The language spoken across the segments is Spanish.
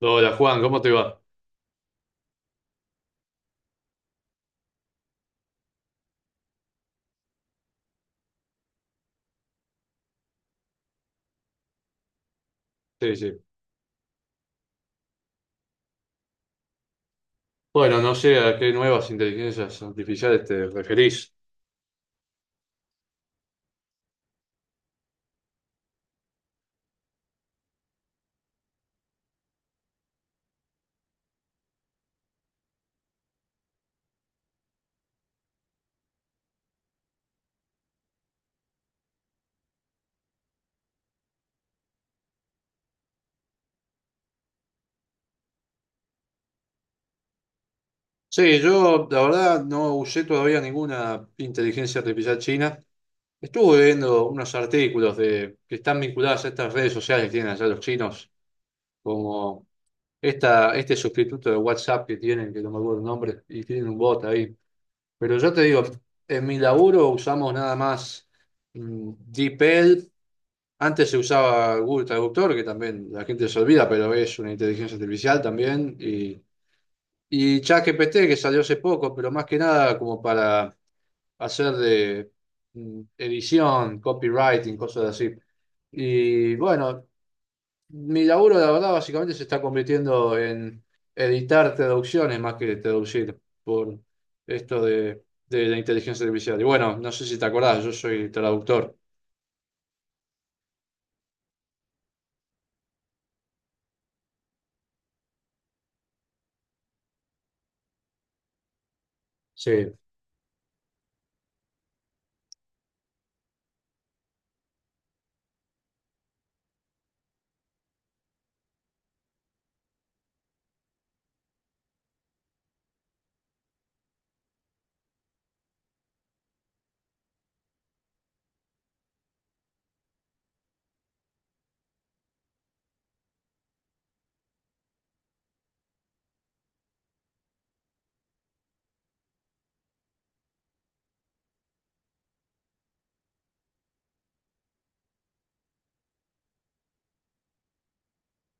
Hola Juan, ¿cómo te va? Sí, sí. Bueno, no sé a qué nuevas inteligencias artificiales te referís. Sí, yo la verdad no usé todavía ninguna inteligencia artificial china. Estuve viendo unos artículos de, que están vinculados a estas redes sociales que tienen allá los chinos, como esta, este sustituto de WhatsApp que tienen, que no me acuerdo el nombre, y tienen un bot ahí. Pero yo te digo, en mi laburo usamos nada más DeepL. Antes se usaba Google Traductor, que también la gente se olvida, pero es una inteligencia artificial también. Y y ChatGPT, que salió hace poco, pero más que nada como para hacer de edición, copywriting, cosas así. Y bueno, mi laburo, la verdad, básicamente se está convirtiendo en editar traducciones más que traducir por esto de la inteligencia artificial. Y bueno, no sé si te acordás, yo soy traductor. Sí,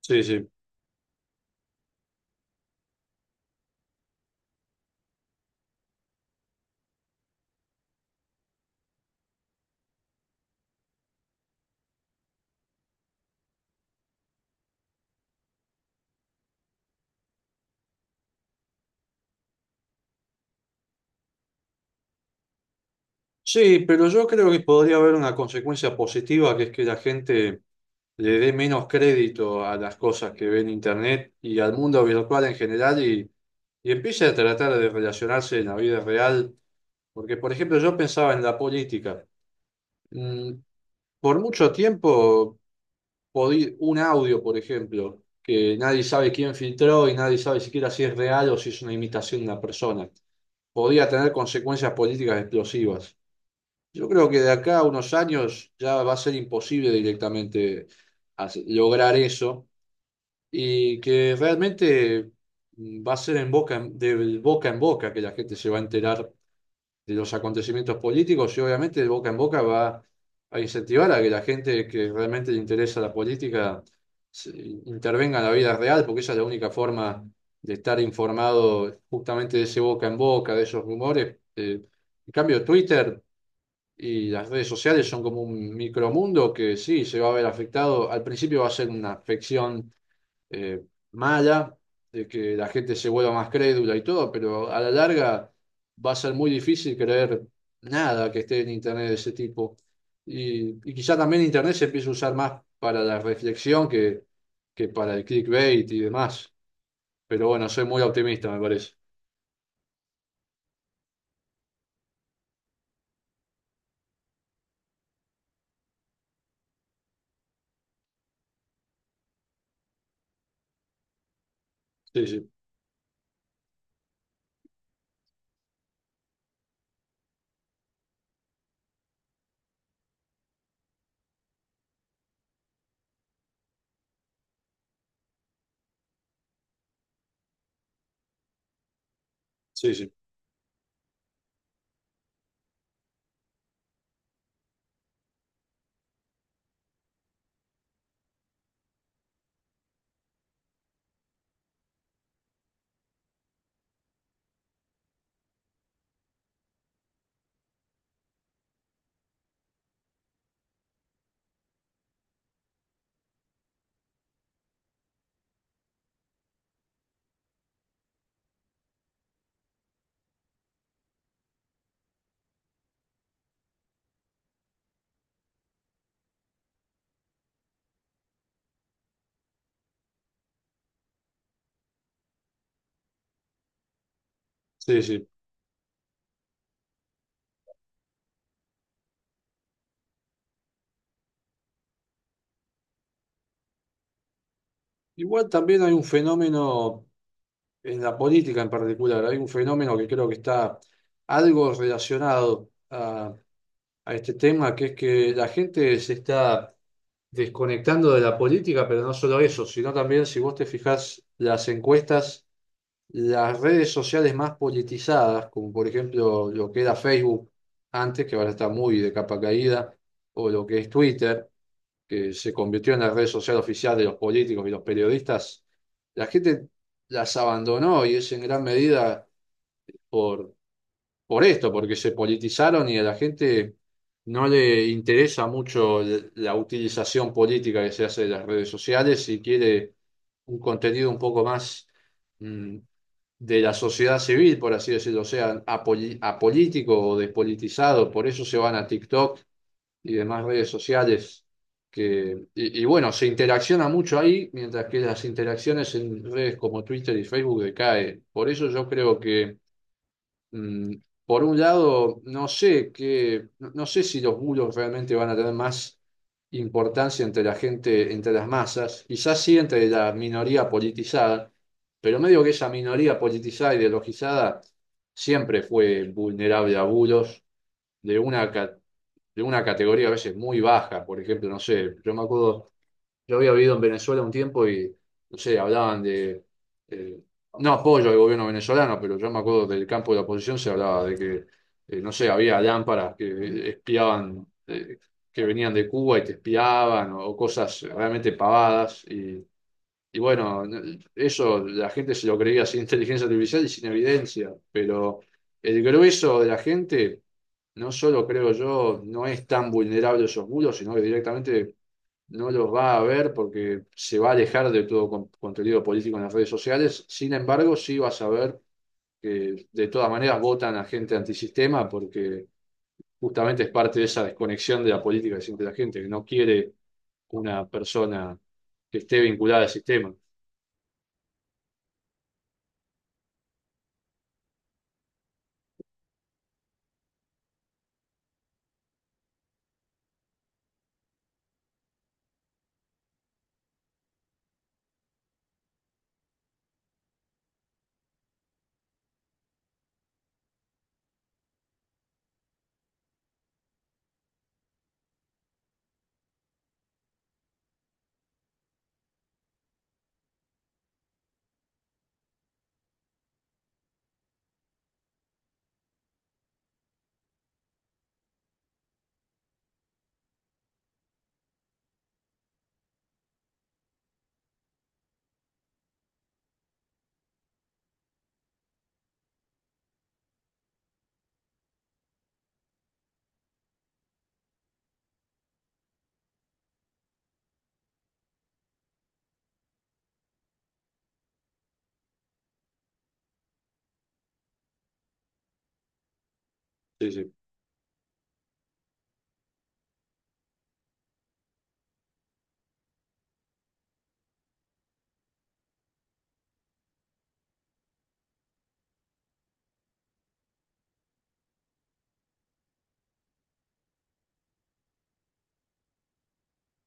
sí, sí. Sí, pero yo creo que podría haber una consecuencia positiva, que es que la gente le dé menos crédito a las cosas que ve en Internet y al mundo virtual en general y empiece a tratar de relacionarse en la vida real. Porque, por ejemplo, yo pensaba en la política. Mm, por mucho tiempo, un audio, por ejemplo, que nadie sabe quién filtró y nadie sabe siquiera si es real o si es una imitación de una persona, podía tener consecuencias políticas explosivas. Yo creo que de acá a unos años ya va a ser imposible directamente lograr eso y que realmente va a ser en de boca en boca que la gente se va a enterar de los acontecimientos políticos y obviamente de boca en boca va a incentivar a que la gente que realmente le interesa la política se- intervenga en la vida real, porque esa es la única forma de estar informado justamente de ese boca en boca, de esos rumores. En cambio, Twitter y las redes sociales son como un micromundo que sí, se va a ver afectado. Al principio va a ser una afección eh, mala, de que la gente se vuelva más crédula y todo, pero a la larga va a ser muy difícil creer nada que esté en Internet de ese tipo. Y y quizá también Internet se empiece a usar más para la reflexión que para el clickbait y demás. Pero bueno, soy muy optimista, me parece. Sí, sí, sí, sí, sí, sí. Igual también hay un fenómeno en la política en particular, hay un fenómeno que creo que está algo relacionado a este tema, que es que la gente se está desconectando de la política, pero no solo eso, sino también si vos te fijás las encuestas, las redes sociales más politizadas, como por ejemplo lo que era Facebook antes, que ahora está muy de capa caída, o lo que es Twitter, que se convirtió en la red social oficial de los políticos y los periodistas, la gente las abandonó y es en gran medida por esto, porque se politizaron y a la gente no le interesa mucho la utilización política que se hace de las redes sociales y quiere un contenido un poco más mm, de la sociedad civil, por así decirlo, o sea, apolítico o despolitizado, por eso se van a TikTok y demás redes sociales. Y bueno, se interacciona mucho ahí, mientras que las interacciones en redes como Twitter y Facebook decaen. Por eso yo creo que Mm, por un lado, no sé si los muros realmente van a tener más importancia entre la gente, entre las masas, quizás sí entre la minoría politizada, pero medio que esa minoría politizada y ideologizada siempre fue vulnerable a bulos de de una categoría a veces muy baja, por ejemplo, no sé, yo me acuerdo yo había vivido en Venezuela un tiempo y, no sé, hablaban eh, no apoyo al gobierno venezolano, pero yo me acuerdo del campo de la oposición se hablaba de no sé, había lámparas que espiaban, que venían de Cuba y te espiaban, o cosas realmente pavadas. Y y bueno, eso la gente se lo creía sin inteligencia artificial y sin evidencia, pero el grueso de la gente, no solo creo yo, no es tan vulnerable a esos bulos, sino que directamente no los va a ver porque se va a alejar de todo contenido político en las redes sociales. Sin embargo, sí vas a ver que de todas maneras votan a gente antisistema porque justamente es parte de esa desconexión de la política que siente la gente, que no quiere una persona que esté vinculada al sistema. Sí, sí.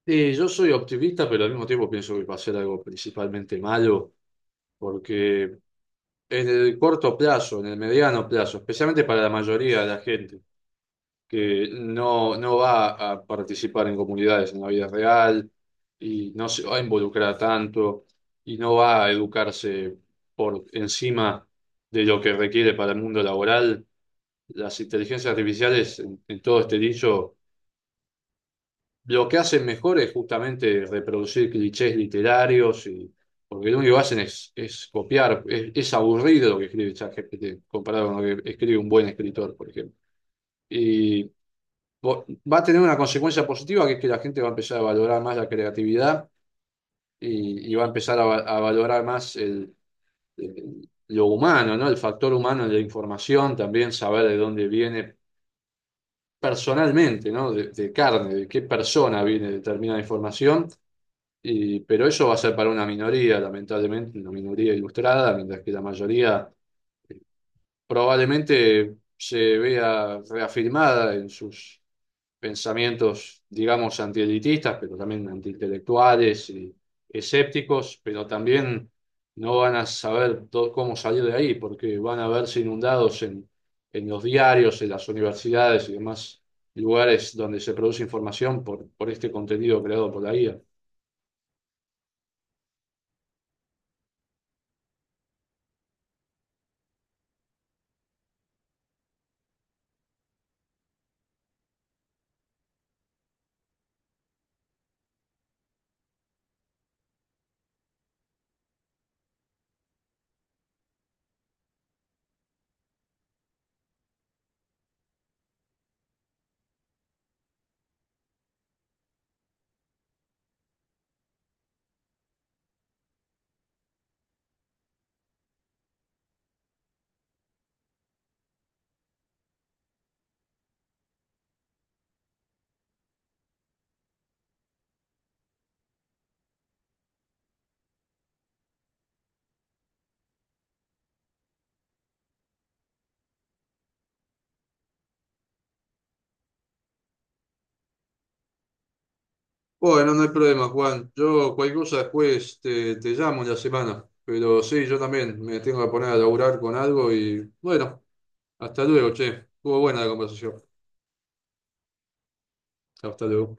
Sí, yo soy optimista, pero al mismo tiempo pienso que va a ser algo principalmente malo, porque en el corto plazo, en el mediano plazo, especialmente para la mayoría de la gente, que no, no va a participar en comunidades en la vida real y no se va a involucrar tanto y no va a educarse por encima de lo que requiere para el mundo laboral. Las inteligencias artificiales, en todo este dicho, lo que hacen mejor es justamente reproducir clichés literarios y porque lo único que hacen es copiar, es aburrido lo que escribe ChatGPT comparado con lo que escribe un buen escritor, por ejemplo. Y vo- va a tener una consecuencia positiva, que es que la gente va a empezar a valorar más la creatividad y va a empezar a valorar más lo humano, ¿no? El factor humano de la información, también saber de dónde viene personalmente, ¿no? De carne, de qué persona viene determinada información. Y, pero eso va a ser para una minoría, lamentablemente, una minoría ilustrada, mientras que la mayoría probablemente se vea reafirmada en sus pensamientos, digamos, antielitistas, pero también antiintelectuales y escépticos, pero también no van a saber cómo salir de ahí, porque van a verse inundados en los diarios, en las universidades y demás lugares donde se produce información por este contenido creado por la IA. Bueno, no hay problema, Juan. Yo cualquier cosa después te llamo en la semana. Pero sí, yo también me tengo que poner a laburar con algo y bueno, hasta luego, che. Estuvo buena la conversación. Hasta luego.